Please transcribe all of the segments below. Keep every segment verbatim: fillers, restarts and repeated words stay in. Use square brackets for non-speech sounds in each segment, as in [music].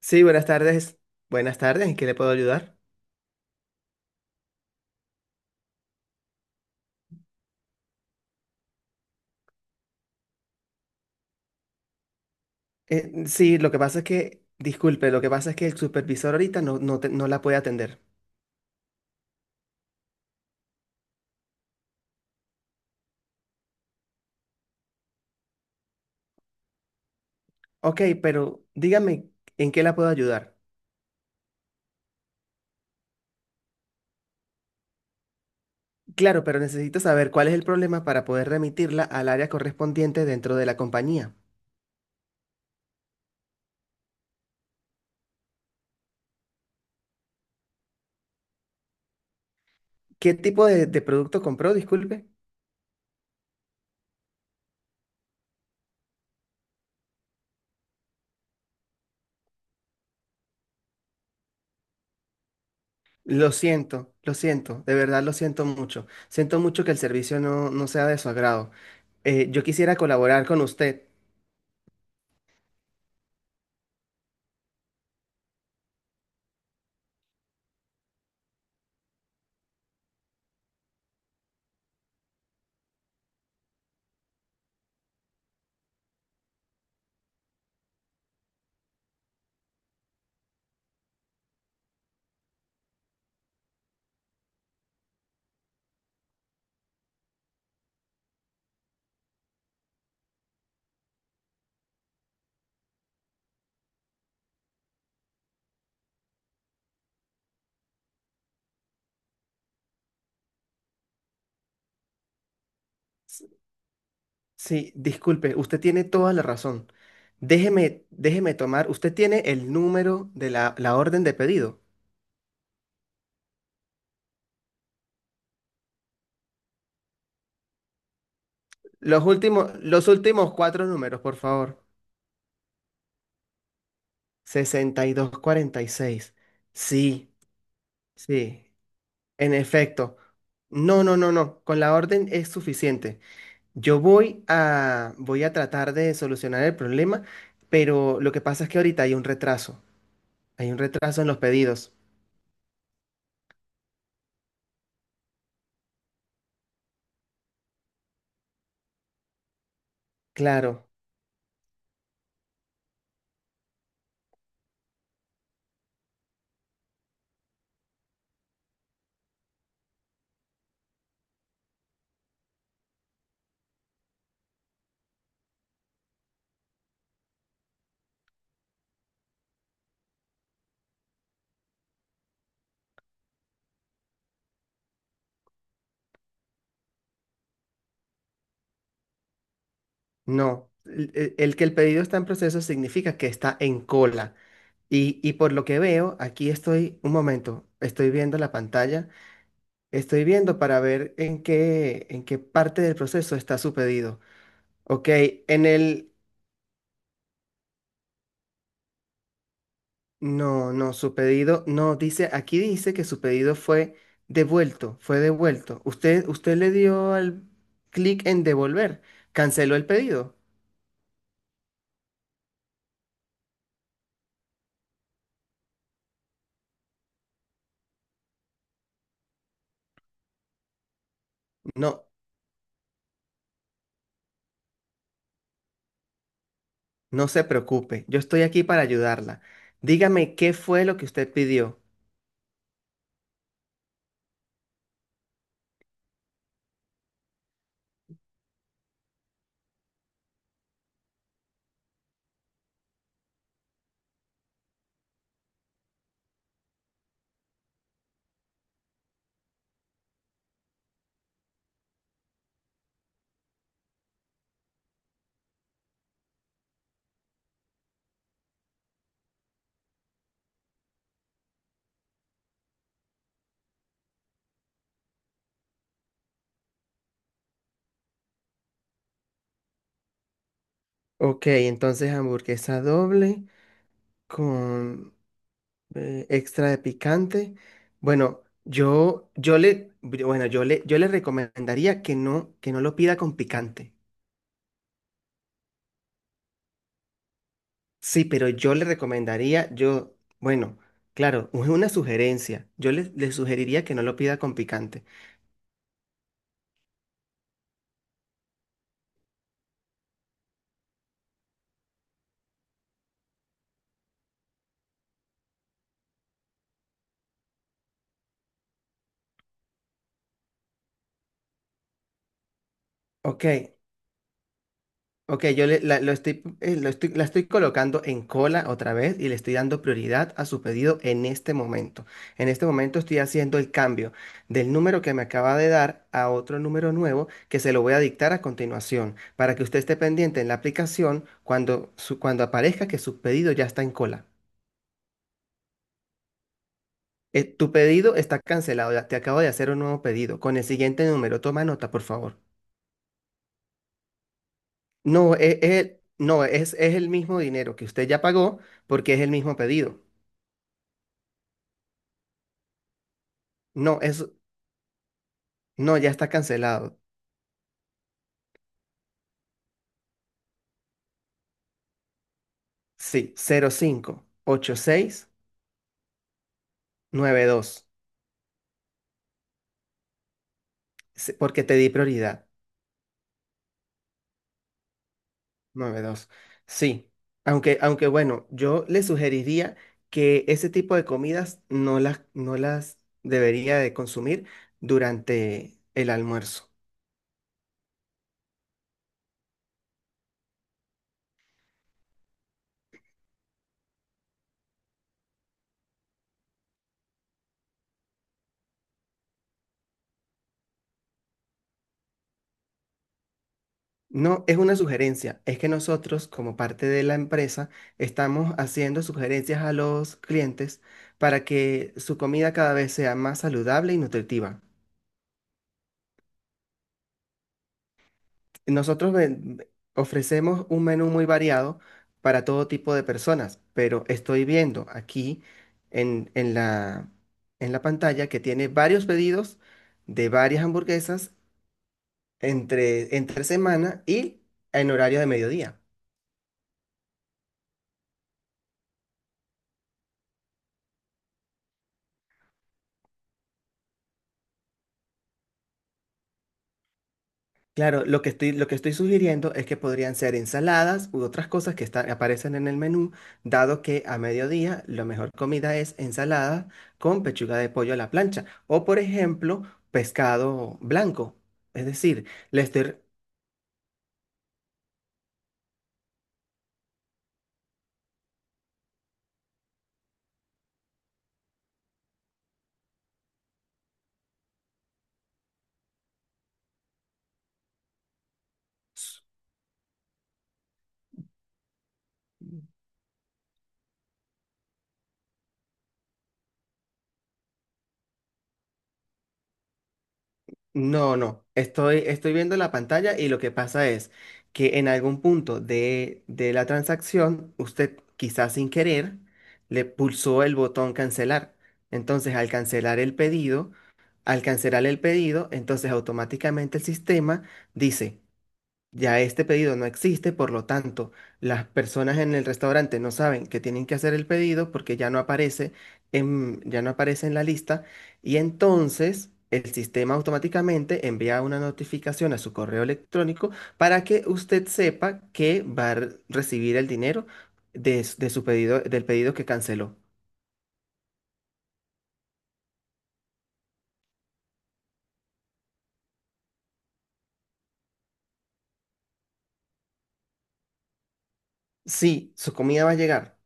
Sí, buenas tardes. Buenas tardes, ¿en qué le puedo ayudar? Eh, sí, lo que pasa es que, disculpe, lo que pasa es que el supervisor ahorita no, no, te- no la puede atender. Ok, pero dígame, ¿en qué la puedo ayudar? Claro, pero necesito saber cuál es el problema para poder remitirla al área correspondiente dentro de la compañía. ¿Qué tipo de, de producto compró? Disculpe. Lo siento, lo siento, de verdad lo siento mucho. Siento mucho que el servicio no, no sea de su agrado. Eh, yo quisiera colaborar con usted. Sí, disculpe, usted tiene toda la razón. Déjeme, déjeme tomar, usted tiene el número de la, la orden de pedido. Los últimos, los últimos cuatro números, por favor. Sesenta y y dos cuarenta y seis. Sí, sí, en efecto. No, no, no, no, con la orden es suficiente. Yo voy a, voy a tratar de solucionar el problema, pero lo que pasa es que ahorita hay un retraso. Hay un retraso en los pedidos. Claro. No, el, el- el que el pedido está en proceso significa que está en cola. Y, y por lo que veo, aquí estoy, un momento, estoy viendo la pantalla, estoy viendo para ver en qué, en qué parte del proceso está su pedido. Ok, en el, no, no, su pedido, no, dice, aquí dice que su pedido fue devuelto, fue devuelto. Usted, usted le dio al clic en devolver, canceló el pedido. No. No se preocupe, yo estoy aquí para ayudarla. Dígame qué fue lo que usted pidió. Ok, entonces hamburguesa doble con eh, extra de picante. Bueno, yo, yo le, bueno, yo le, yo le recomendaría que no, que no lo pida con picante. Sí, pero yo le recomendaría, yo, bueno, claro, [laughs] es una sugerencia. Yo le, le sugeriría que no lo pida con picante. Ok, Ok, yo le- la, lo estoy, eh, lo estoy- la estoy colocando en cola otra vez y le estoy dando prioridad a su pedido en este momento. En este momento estoy haciendo el cambio del número que me acaba de dar a otro número nuevo que se lo voy a dictar a continuación para que usted esté pendiente en la aplicación cuando, su- cuando aparezca que su pedido ya está en cola. Eh, tu pedido está cancelado, ya te acabo de hacer un nuevo pedido con el siguiente número. Toma nota, por favor. No, es, es el- no, es, es el mismo dinero que usted ya pagó porque es el mismo pedido. No, es, no, ya está cancelado. Sí, cero cinco ochenta y seis noventa y dos. Sí, porque te di prioridad. Nueve dos. Sí. Aunque, aunque bueno, yo le sugeriría que ese tipo de comidas no las, no las debería de consumir durante el almuerzo. No, es una sugerencia. Es que nosotros, como parte de la empresa, estamos haciendo sugerencias a los clientes para que su comida cada vez sea más saludable y nutritiva. Nosotros ven- Ofrecemos un menú muy variado para todo tipo de personas, pero estoy viendo aquí en, en la, en la pantalla que tiene varios pedidos de varias hamburguesas entre, entre semana y en horario de mediodía. Claro, lo que estoy, lo que estoy, sugiriendo es que podrían ser ensaladas u otras cosas que están, aparecen en el menú, dado que a mediodía la mejor comida es ensalada con pechuga de pollo a la plancha o, por ejemplo, pescado blanco. Es decir, le estoy... No, no, estoy, estoy viendo la pantalla y lo que pasa es que en algún punto de, de la transacción, usted quizás sin querer le pulsó el botón cancelar. Entonces, al cancelar el pedido Al cancelar el pedido, entonces automáticamente el sistema dice, ya este pedido no existe, por lo tanto, las personas en el restaurante no saben que tienen que hacer el pedido porque ya no aparece en, ya no aparece en la lista y entonces el sistema automáticamente envía una notificación a su correo electrónico para que usted sepa que va a re- recibir el dinero de, s- de su pedido, del pedido que canceló. Sí, su comida va a llegar.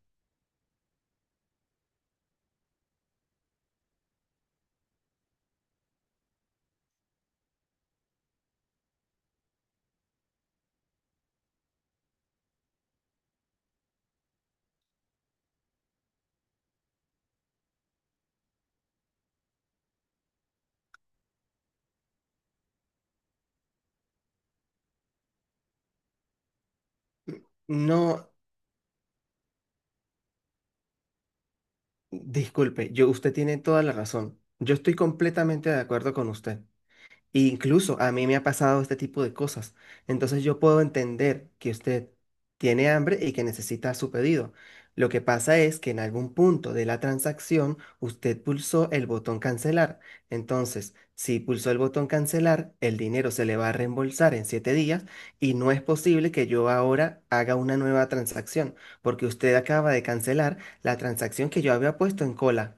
No. Disculpe, yo, usted tiene toda la razón. Yo estoy completamente de acuerdo con usted. E incluso a mí me ha pasado este tipo de cosas. Entonces yo puedo entender que usted tiene hambre y que necesita su pedido. Lo que pasa es que en algún punto de la transacción usted pulsó el botón cancelar. Entonces, si pulsó el botón cancelar, el dinero se le va a reembolsar en siete días y no es posible que yo ahora haga una nueva transacción, porque usted acaba de cancelar la transacción que yo había puesto en cola.